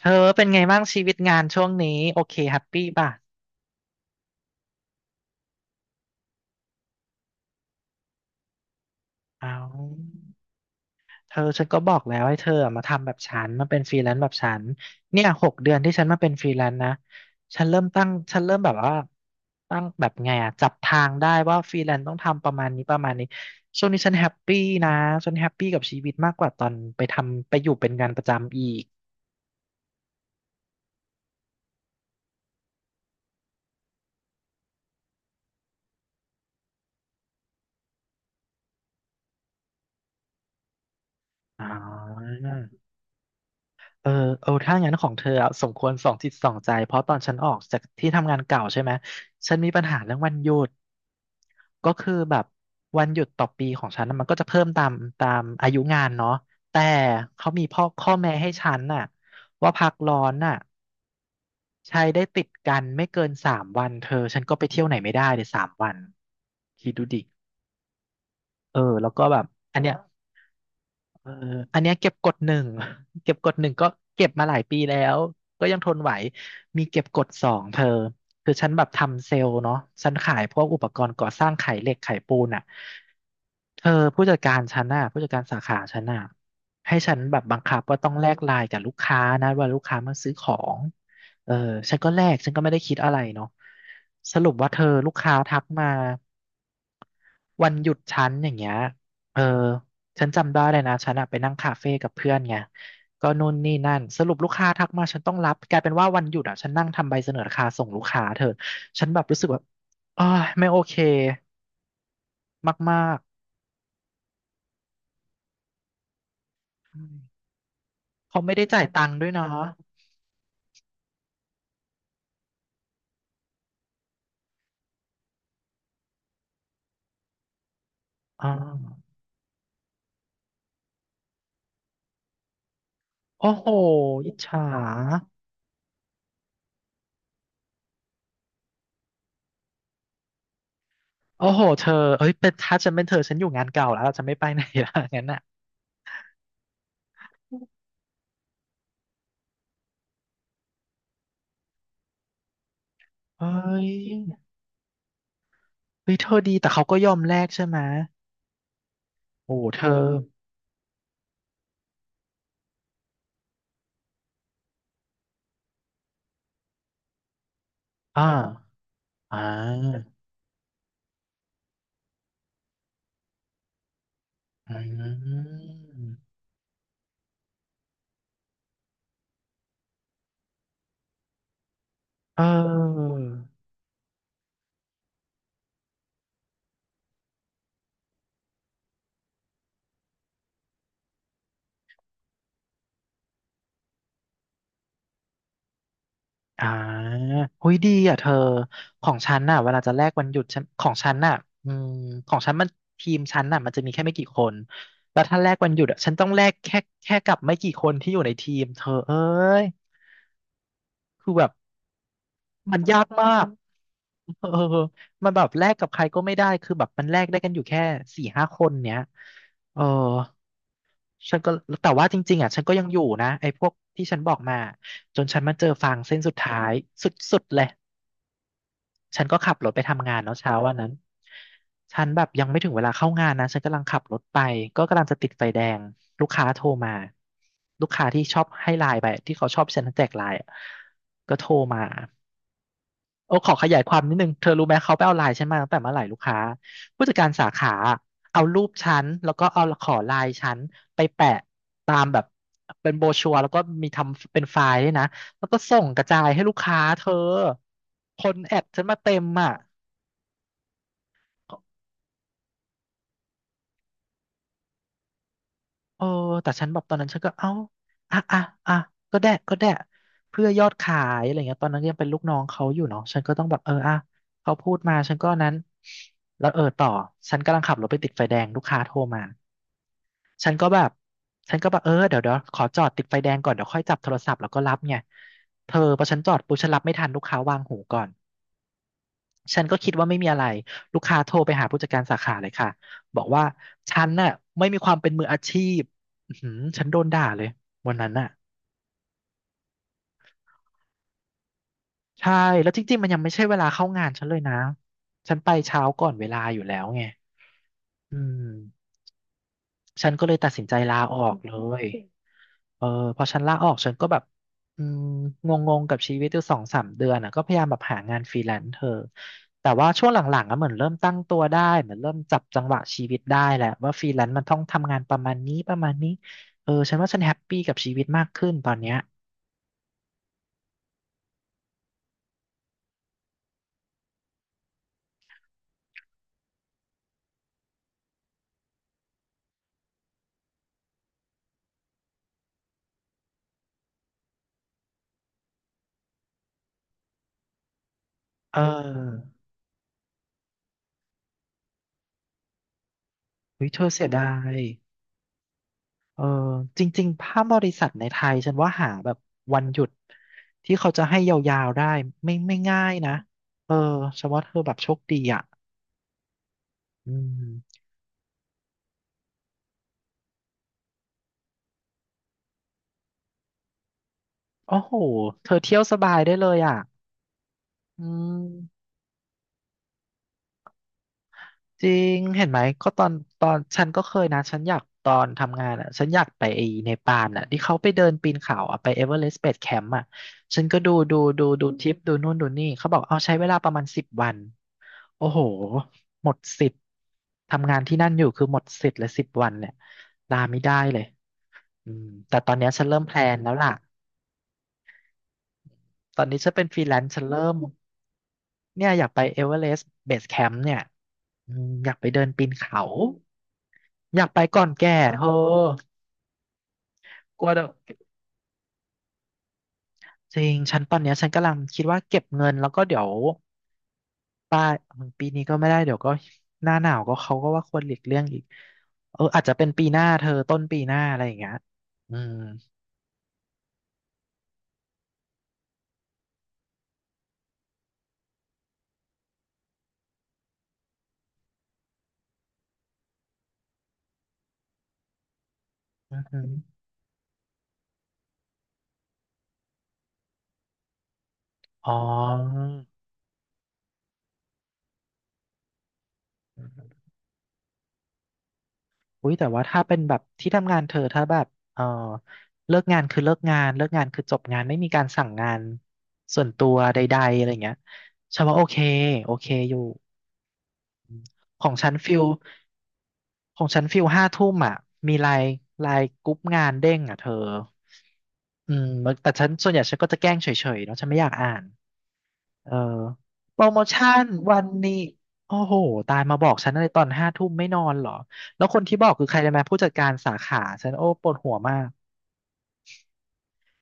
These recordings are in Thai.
เธอเป็นไงบ้างชีวิตงานช่วงนี้โอเคแฮปปี้ป่ะเอาเธอฉันก็บอกแล้วให้เธออะมาทำแบบฉันมาเป็นฟรีแลนซ์แบบฉันเนี่ย6 เดือนที่ฉันมาเป็นฟรีแลนซ์นะฉันเริ่มแบบว่าตั้งแบบไงอะจับทางได้ว่าฟรีแลนซ์ต้องทำประมาณนี้ประมาณนี้ช่วงนี้ฉันแฮปปี้นะฉันแฮปปี้กับชีวิตมากกว่าตอนไปทำไปอยู่เป็นงานประจำอีกอ๋อ เออเออถ้างั้นของเธออะสมควรสองจิตสองใจเพราะตอนฉันออกจากที่ทำงานเก่าใช่ไหมฉันมีปัญหาเรื่องวันหยุด ก็คือแบบวันหยุดต่อปีของฉันน่ะมันก็จะเพิ่มตามอายุงานเนาะแต่เขามีพ่อข้อแม้ให้ฉันน่ะว่าพักร้อนน่ะใช้ได้ติดกันไม่เกินสามวันเธอฉันก็ไปเที่ยวไหนไม่ได้เลยสามวันคิดดูดิเออแล้วก็แบบอันเนี้ย เอออันเนี้ยเก็บกดหนึ่ง เก็บกดหนึ่งก็เก็บมาหลายปีแล้วก็ยังทนไหวมีเก็บกดสองเธอคือฉันแบบทำเซลล์เนาะฉันขายพวกอุปกรณ์ก่อสร้างขายเหล็กขายปูนอ่ะเธอผู้จัดการฉันน่ะผู้จัดการสาขาฉันน่ะให้ฉันแบบบังคับว่าต้องแลกไลน์กับลูกค้านะว่าลูกค้ามาซื้อของเออฉันก็แลกฉันก็ไม่ได้คิดอะไรเนาะสรุปว่าเธอลูกค้าทักมา วันหยุดฉันอย่างเงี้ยเออฉันจำได้เลยนะฉันอะไปนั่งคาเฟ่กับเพื่อนไงก็นู่นนี่นั่น สรุปลูกค้าทักมาฉันต้องรับกลายเป็นว่าวันหยุดอะฉันนั่งทำใบเสนอราคาส่งลูกค้าเธอฉันแบบรู้สึกแบบอ้ายไม่โอเคมากๆอืมเขาไม่ได้จ่ายตังค์ด้วยเนาะอ่าโอ้โหอิจฉาโอ้โหเธอเอ้ยเป็นถ้าฉันเป็นเธอฉันอยู่งานเก่าแล้วเราจะไม่ไปไหนละ งั้นอ่ะเฮ้ยเฮ้ยเธอดีแต่เขาก็ยอมแลกใช่ไหมโอ้เธออ่า อ่าอืมเอออ่าหุยดีอ่ะเธอ ของฉันน่ะเวลาจะแลกวันหยุดฉันของฉันน่ะอืมของฉันมันทีมฉันน่ะมันจะมีแค่ไม่กี่คน แล้วถ้าแลกวันหยุดอ่ะฉันต้องแลกแค่กับไม่กี่คนที่อยู่ในทีมเธอเอ้ยคือแบบมันยากมากเออมันแบบแลกกับใครก็ไม่ได้คือแบบมันแลกได้กันอยู่แค่4-5 คนเนี้ยเออ ฉันก็แต่ว่าจริงๆอ่ะฉันก็ยังอยู่นะไอ้พวกที่ฉันบอกมาจนฉันมาเจอฟางเส้นสุดท้ายสุดๆเลยฉันก็ขับรถไปทำงานเนาะเช้าวันนั้นฉันแบบยังไม่ถึงเวลาเข้างานนะฉันกำลังขับรถไปก็กำลังจะติดไฟแดงลูกค้าโทรมาลูกค้าที่ชอบให้ไลน์ไปที่เขาชอบฉันแจกไลน์อะก็โทรมา โอ้ขอขยายความนิดนึงเธอรู้ไหมเขาไปเอาไลน์ฉันมาตั้งแต่เมื่อไหร่ลูกค้าผู้จัดการสาขาเอารูปฉันแล้วก็เอาขอไลน์ฉันไปแปะตามแบบเป็นโบรชัวร์แล้วก็มีทำเป็นไฟล์ด้วยนะแล้วก็ส่งกระจายให้ลูกค้าเธอคนแอดฉันมาเต็มอ่ะ เออแต่ฉันแบบตอนนั้นฉันก็เอ้าอ่ะอ่ะอ่ะก็ได้ก็ได้เพื่อยอดขายอะไรเงี้ยตอนนั้นยังเป็นลูกน้องเขาอยู่เนาะฉันก็ต้องแบบเอออ่ะเขาพูดมาฉันก็นั้นแล้วเออต่อฉันกำลังขับรถไปติดไฟแดงลูกค้าโทรมาฉันก็แบบฉันก็แบบเออเดี๋ยวขอจอดติดไฟแดงก่อนเดี๋ยวค่อยจับโทรศัพท์แล้วก็รับไงเธอพอฉันจอดปุ๊บฉันรับไม่ทันลูกค้าวางหูก่อน ฉันก็คิดว่าไม่มีอะไรลูกค้าโทรไปหาผู้จัดการสาขาเลยค่ะบอกว่าฉันน่ะไม่มีความเป็นมืออาชีพอื้อหือฉันโดนด่าเลยวันนั้นน่ะใช่แล้วจริงๆมันยังไม่ใช่เวลาเข้างานฉันเลยนะฉันไปเช้าก่อนเวลาอยู่แล้วไงอืมฉันก็เลยตัดสินใจลาออกเลย เออพอฉันลาออกฉันก็แบบอืมงงงกับชีวิตอยู่2-3 เดือนอ่ะก็พยายามแบบหางานฟรีแลนซ์เธอแต่ว่าช่วงหลังๆอะเหมือนเริ่มตั้งตัวได้เหมือนเริ่มจับจังหวะชีวิตได้แหละว่าฟรีแลนซ์มันต้องทำงานประมาณนี้ประมาณนี้เออฉันว่าฉันแฮปปี้กับชีวิตมากขึ้นตอนเนี้ยเออวิเธอเสียดายเออจริงๆภาพบริษัทในไทยฉันว่าหาแบบวันหยุดที่เขาจะให้ยาวๆได้ไม่ง่ายนะเออฉันว่าเธอแบบโชคดีอ่ะอืม โอ้โหเธอเที่ยวสบายได้เลยอ่ะอืมจริงเห็นไหม ก็ตอนฉันก็เคยนะ ฉันอยากตอนทำงานอ่ะฉันอยากไปไอ้เนปาลอ่ะที่เขาไปเดินปีนเขาอ่ะไปเอเวอเรสต์เบสแคมป์อ่ะฉันก็ดูทริปดูนู่นดูนี่เขาบอกเอาใช้เวลาประมาณสิบวัน โอ้โห หมดสิทธิ์ทำงานที่นั่นอยู่คือหมดสิทธิ์เลยสิบวันเนี่ยลาไม่ได้เลยอืมแต่ตอนเนี้ยฉันเริ่มแพลนแล้วล่ะ ตอนนี้ฉันเป็นฟรีแลนซ์ฉันเริ่มเนี่ยอยากไปเอเวอเรสต์เบสแคมป์เนี่ย อืมอยากไปเดินปีนเขา อยากไปก่อนแก่เธอกลัวเดี๋ยวจริงฉันตอนเนี้ยฉันกำลังคิดว่าเก็บเงินแล้วก็เดี๋ยวปลายปีนี้ก็ไม่ได้เดี๋ยวก็หน้าหนาวก็เขาก็ว่าควรหลีกเลี่ยงอีกเอออาจจะเป็นปีหน้าเธอต้นปีหน้าอะไรอย่างเงี้ยอืมอือหืออ๋ออุ้ยแต่ว่าถ้าเป็นแบบที่ทำงานเธอถ้าแบบเออเลิกงานคือเลิกงานเลิกงานคือจบงานไม่มีการสั่งงานส่วนตัวใดๆอะไรเงี้ยฉันว่าโอเคโอเคอยู่ ของฉันฟิลของฉันฟิลห้าทุ่มอ่ะมีไลน์ไลน์กรุ๊ปงานเด้งอ่ะเธออืมแต่ฉันส่วนใหญ่ฉันก็จะแกล้งเฉยๆเนาะฉันไม่อยากอ่านเออโปรโมชั่นวันนี้โอ้โหตายมาบอกฉันอะไรตอนห้าทุ่มไม่นอนเหรอแล้วคนที่บอกคือใครรู้ไหมผู้จัดการสาขาฉันโอ้ปวดหัวมาก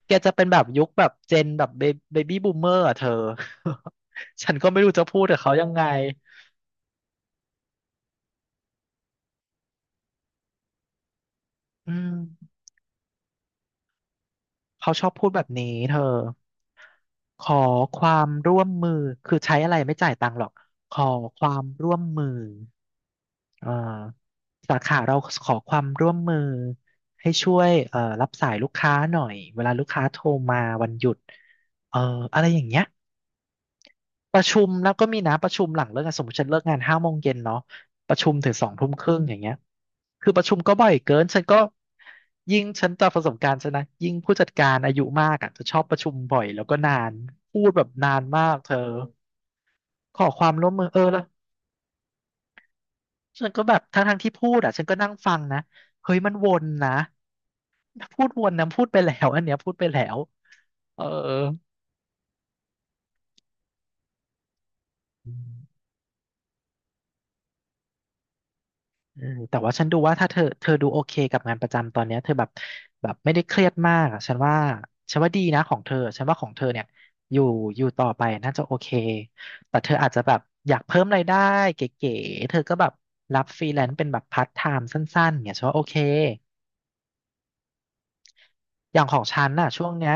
แกจะเป็นแบบยุคแบบเจนแบบเบบี้บูมเมอร์อ่ะเธอ ฉันก็ไม่รู้จะพูดกับเขายังไงอืม เขาชอบพูดแบบนี้เธอขอความร่วมมือคือใช้อะไรไม่จ่ายตังค์หรอกขอความร่วมมือเอ่อสาขาเราขอความร่วมมือให้ช่วยรับสายลูกค้าหน่อยเวลาลูกค้าโทรมาวันหยุดเอ่ออะไรอย่างเงี้ย ประชุมแล้วก็มีนะประชุมหลังเลิกงานสมมติฉันเลิกงาน5 โมงเย็นเนาะประชุมถึง2 ทุ่มครึ่งอย่างเงี้ยคือประชุมก็บ่อยเกินฉันก็ยิ่งฉันจากประสบการณ์ฉันนะยิ่งผู้จัดการอายุมากอ่ะจะชอบประชุมบ่อยแล้วก็นานพูดแบบนานมากเธอขอความร่วมมือเออแล้วฉันก็แบบทั้งที่พูดอ่ะฉันก็นั่งฟังนะเฮ้ยมันวนนะพูดวนนะพูดไปแล้วอันเนี้ยพูดไปแล้วเออ อืมแต่ว่าฉันดูว่าถ้าเธอดูโอเคกับงานประจำตอนเนี้ยเธอแบบแบบไม่ได้เครียดมากอ่ะฉันว่าฉันว่าดีนะของเธอฉันว่าของเธอเนี่ยอยู่อยู่ต่อไปน่าจะโอเคแต่เธออาจจะแบบอยากเพิ่มรายได้เก๋ๆเธอก็แบบรับฟรีแลนซ์เป็นแบบพาร์ทไทม์สั้นๆเนี่ยฉันว่าโอเคอย่างของฉันน่ะช่วงเนี้ย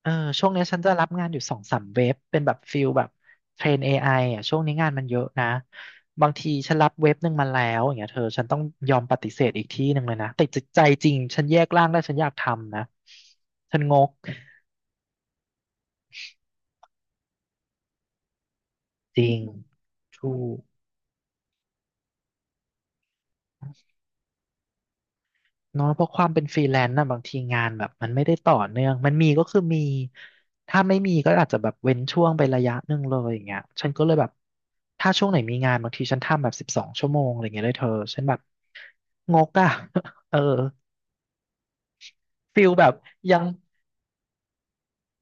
เออช่วงเนี้ยฉันจะรับงานอยู่2-3 เว็บเป็นแบบฟิลแบบเทรน AI อไออ่ะช่วงนี้งานมันเยอะนะบางทีฉันรับเว็บหนึ่งมาแล้วอย่างเงี้ยเธอฉันต้องยอมปฏิเสธอีกที่หนึ่งเลยนะแต่ใจจริงฉันแยกร่างได้ฉันอยากทำนะฉันงกจริงถูก เนาะเพราะความเป็นฟรีแลนซ์น่ะบางทีงานแบบมันไม่ได้ต่อเนื่องมันมีก็คือมีถ้าไม่มีก็อาจจะแบบเว้นช่วงไประยะหนึ่งเลยอย่างเงี้ยฉันก็เลยแบบถ้าช่วงไหนมีงานบางทีฉันทำแบบ12 ชั่วโมงอะไรเงี้ยเลยเธอฉันแบบงกอ่ะ เออฟิลแบบยัง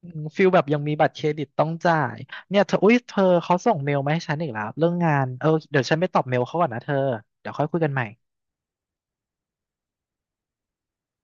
อืมฟิลแบบยังมีบัตรเครดิตต้องจ่ายเนี่ยเธออุ้ยเธอเขาส่งเมลมาให้ฉันอีกแล้วเรื่องงานเออเดี๋ยวฉันไปตอบเมลเขาก่อนนะเธอเดี๋ยวค่อยคุยกันใหม่